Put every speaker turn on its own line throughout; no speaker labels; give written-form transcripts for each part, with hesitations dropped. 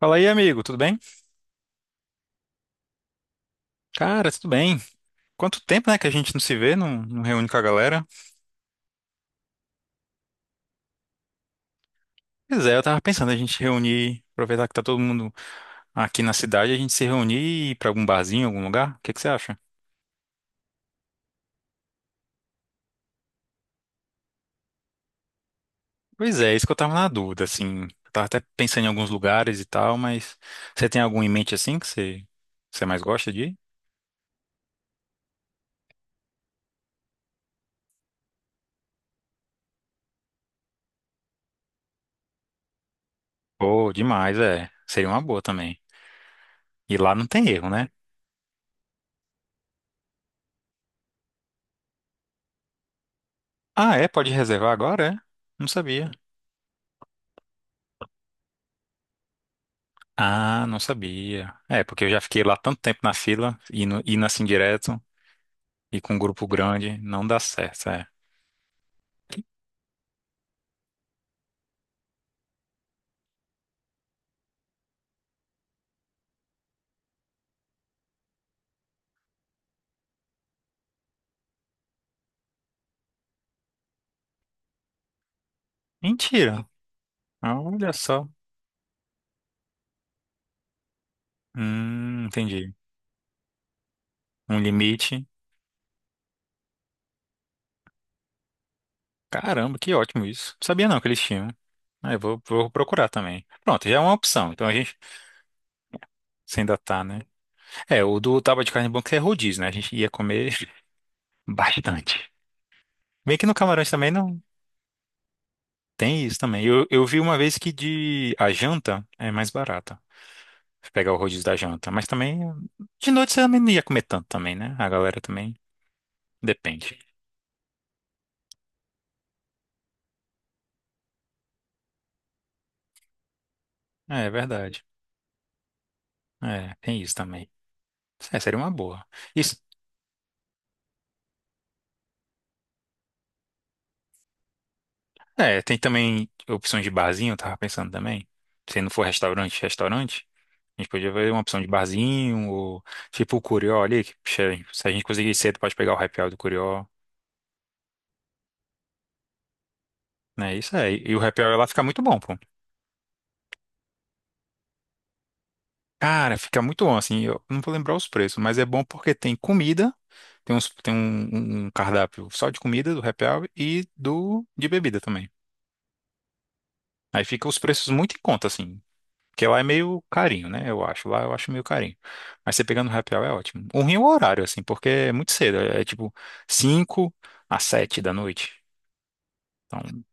Fala aí, amigo, tudo bem? Cara, tudo bem. Quanto tempo, né, que a gente não se vê, não, não reúne com a galera? Pois é, eu tava pensando a gente reunir, aproveitar que tá todo mundo aqui na cidade, a gente se reunir e ir pra algum barzinho, algum lugar? O que que você acha? Pois é, isso que eu tava na dúvida, assim. Eu tava até pensando em alguns lugares e tal, mas você tem algum em mente, assim, que você mais gosta de ir? Pô, demais, é. Seria uma boa também. E lá não tem erro, né? Ah, é? Pode reservar agora, é? Não sabia. Ah, não sabia. É, porque eu já fiquei lá tanto tempo na fila, indo assim direto, e com um grupo grande, não dá certo, é. Mentira. Olha só. Entendi. Um limite. Caramba, que ótimo isso. Não sabia não que eles tinham. Ah, vou procurar também. Pronto, já é uma opção. Então a gente se ainda tá, né? É, o do tábua de carne branca é rodízio, né? A gente ia comer bastante. Bem que no Camarões também não tem isso também. Eu vi uma vez que de a janta é mais barata. Pegar o rodízio da janta. Mas também, de noite você também não ia comer tanto também, né? A galera também depende. É, é verdade. É, tem isso também. É, seria uma boa. Isso, é, tem também opções de barzinho, eu tava pensando também. Se não for restaurante, a gente podia ver uma opção de barzinho, ou tipo o Curió ali, se a gente conseguir ir cedo, pode pegar o happy hour do Curió, né? Isso aí. E o happy hour lá fica muito bom, pô. Cara, fica muito bom, assim, eu não vou lembrar os preços, mas é bom porque tem comida. Tem um cardápio só de comida do happy hour e do de bebida também. Aí fica os preços muito em conta, assim. Porque lá é meio carinho, né? Eu acho. Lá eu acho meio carinho. Mas você pegando no happy hour é ótimo. O ruim é o horário, assim, porque é muito cedo. É, é tipo 5 às 7 da noite. Então,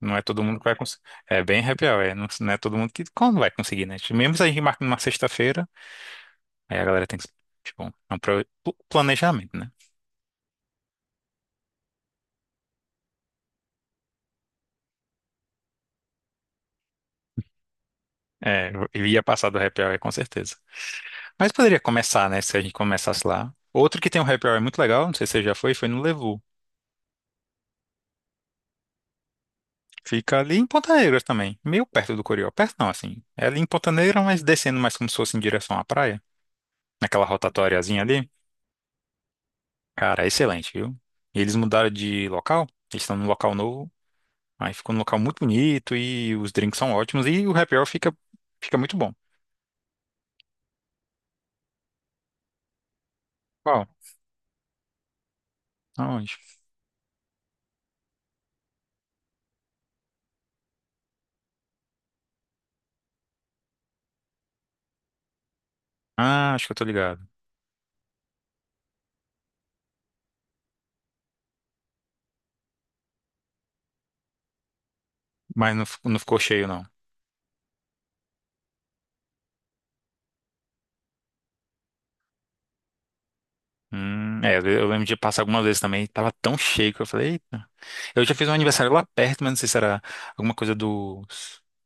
não é todo mundo que vai conseguir. É bem happy hour, é. Não, não é todo mundo que quando vai conseguir, né? Tipo, mesmo se a gente marca numa sexta-feira, aí a galera tem que. Tipo, é um pro- planejamento, né? É, eu ia passar do happy hour com certeza. Mas poderia começar, né? Se a gente começasse lá. Outro que tem um happy hour muito legal, não sei se você já foi, foi no Levu. Fica ali em Ponta Negra também, meio perto do Coriol. Perto não, assim. É ali em Ponta Negra, mas descendo mais como se fosse em direção à praia. Naquela rotatóriazinha ali. Cara, é excelente, viu? E eles mudaram de local, eles estão num local novo. Aí ficou num local muito bonito e os drinks são ótimos e o happy hour fica, fica muito bom. Qual? Aonde? Ah, acho que eu tô ligado. Mas não, não ficou cheio, não. É, às vezes eu lembro de passar algumas vezes também, tava tão cheio que eu falei, eita. Eu já fiz um aniversário lá perto, mas não sei se era alguma coisa do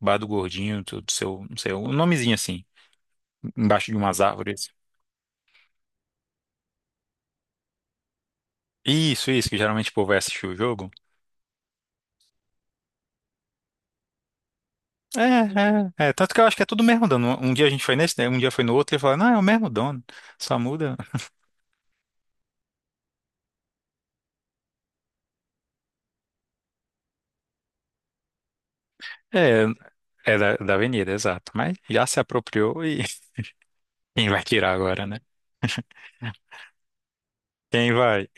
Bar do Gordinho, do seu, não sei, um nomezinho assim, embaixo de umas árvores. Isso, que geralmente o povo vai assistir o jogo. É, é. Tanto que eu acho que é tudo o mesmo dono. Um dia a gente foi nesse, né? Um dia foi no outro e falaram, não, é o mesmo dono, só muda. É, é da avenida, exato. Mas já se apropriou e quem vai tirar agora, né? Quem vai?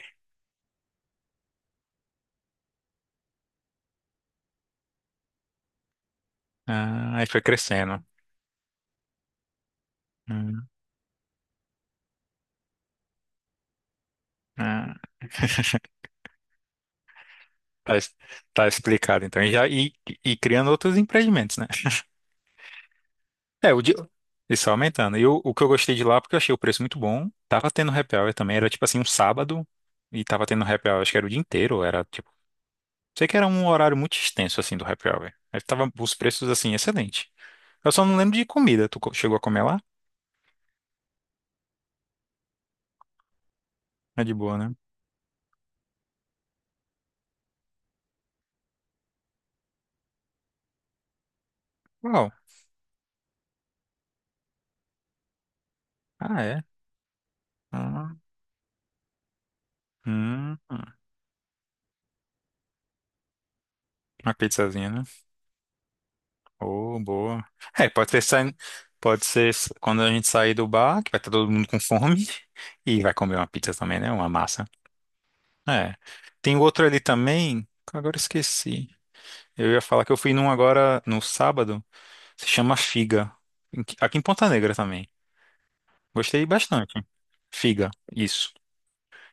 Ah, aí foi crescendo. Hum. Ah, tá, tá explicado, então. E, já, e criando outros empreendimentos, né? É, isso aumentando. E o que eu gostei de lá, porque eu achei o preço muito bom. Tava tendo happy hour também, era tipo assim, um sábado, e tava tendo happy hour, acho que era o dia inteiro, era tipo. Sei que era um horário muito extenso, assim, do happy hour. Aí tava os preços, assim, excelente. Eu só não lembro de comida. Chegou a comer lá? É de boa, né? Uau. Ah, é? Hum, hum. Uma pizzazinha, né? Oh, boa. É, pode ser saindo, quando a gente sair do bar, que vai estar todo mundo com fome, e vai comer uma pizza também, né? Uma massa. É. Tem outro ali também, que agora eu esqueci. Eu ia falar que eu fui num agora no sábado, se chama Figa, aqui em Ponta Negra também. Gostei bastante. Figa, isso.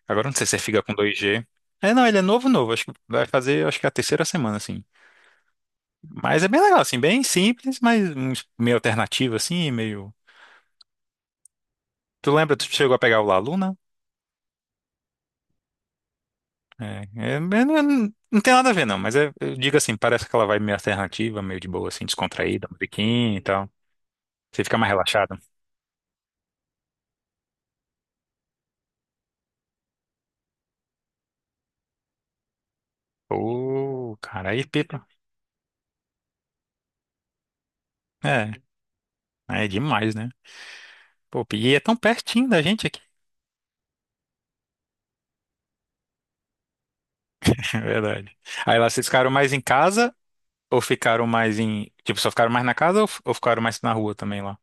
Agora eu não sei se é Figa com dois g. É, não, ele é novo, novo. Acho que vai fazer, acho que é a terceira semana, assim. Mas é bem legal, assim, bem simples, meio alternativo, assim, meio. Tu lembra, tu chegou a pegar o La Luna? É, é, é, não, é- não tem nada a ver, não, mas é, eu digo assim, parece que ela vai meio alternativa, meio de boa, assim, descontraída, musiquinha e tal. Você fica mais relaxado. Pô, cara, aí pipa. É, aí é demais, né? Pô, e é tão pertinho da gente aqui. É verdade. Aí lá vocês ficaram mais em casa ou ficaram mais em. Tipo, só ficaram mais na casa ou, ou ficaram mais na rua também lá?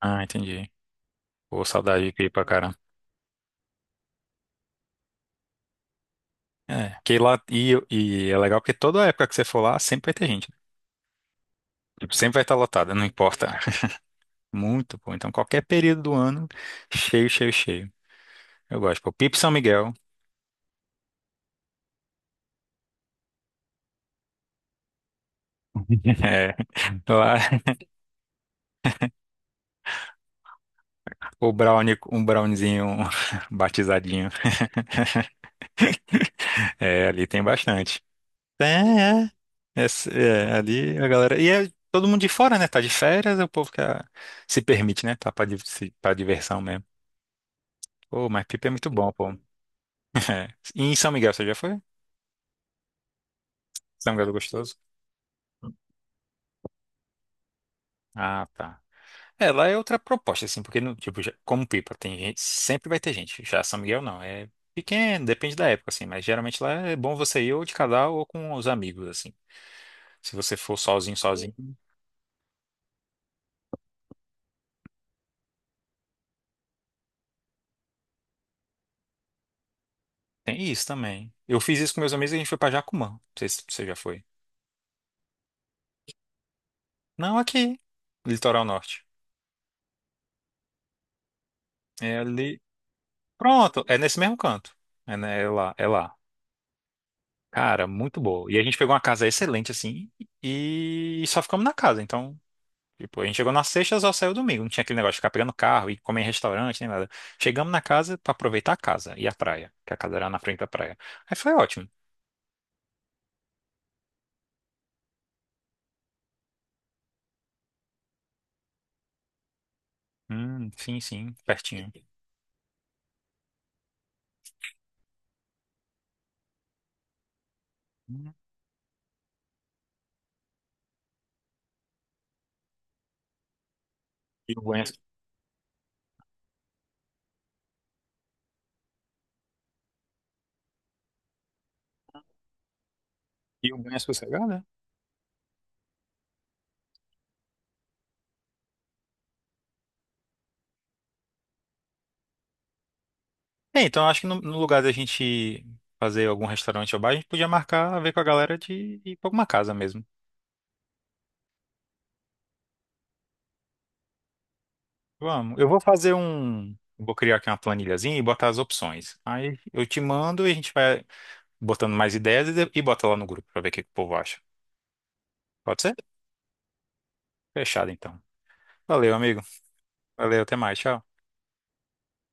Ah, entendi. Pô, saudade de pipa, cara. É, que lá. E é legal porque toda época que você for lá, sempre vai ter gente. Tipo, sempre vai estar lotada, não importa. Muito bom. Então, qualquer período do ano, cheio, cheio, cheio. Eu gosto. Pô, Pipo São Miguel. É, lá, o brownie, um browniezinho batizadinho. É, ali tem bastante. É, é. É, é, ali a galera. E é todo mundo de fora, né? Tá de férias, é o povo que ah, se permite, né? Tá pra, div- se- pra diversão mesmo. Pô, mas Pipa é muito bom, pô. É. E em São Miguel, você já foi? São Miguel do Gostoso? Ah, tá. É, lá é outra proposta, assim, porque, no- tipo, como Pipa, tem gente, sempre vai ter gente. Já São Miguel não, é pequeno, depende da época, assim, mas geralmente lá é bom você ir ou de casal ou com os amigos, assim. Se você for sozinho, sozinho, tem isso também. Eu fiz isso com meus amigos e a gente foi pra Jacumã. Não sei se você já foi. Não, aqui, litoral norte. É ali. Pronto, é nesse mesmo canto. É lá. Cara, muito boa. E a gente pegou uma casa excelente, assim, e só ficamos na casa, então. Tipo, a gente chegou na sexta, só saiu domingo. Não tinha aquele negócio de ficar pegando carro e comer em restaurante, nem nada. Chegamos na casa pra aproveitar a casa e a praia, que a casa era na frente da praia. Aí foi ótimo. Sim, pertinho. Hum, E o banho, é, e o banho é sossegado, né? É, então acho que no, no lugar da gente fazer algum restaurante ou bar, a gente podia marcar, ver com a galera de ir pra alguma casa mesmo. Vamos. Eu vou fazer um. Vou criar aqui uma planilhazinha e botar as opções. Aí eu te mando e a gente vai botando mais ideias e bota lá no grupo pra ver o que que o povo acha. Pode ser? Fechado, então. Valeu, amigo. Valeu, até mais. Tchau.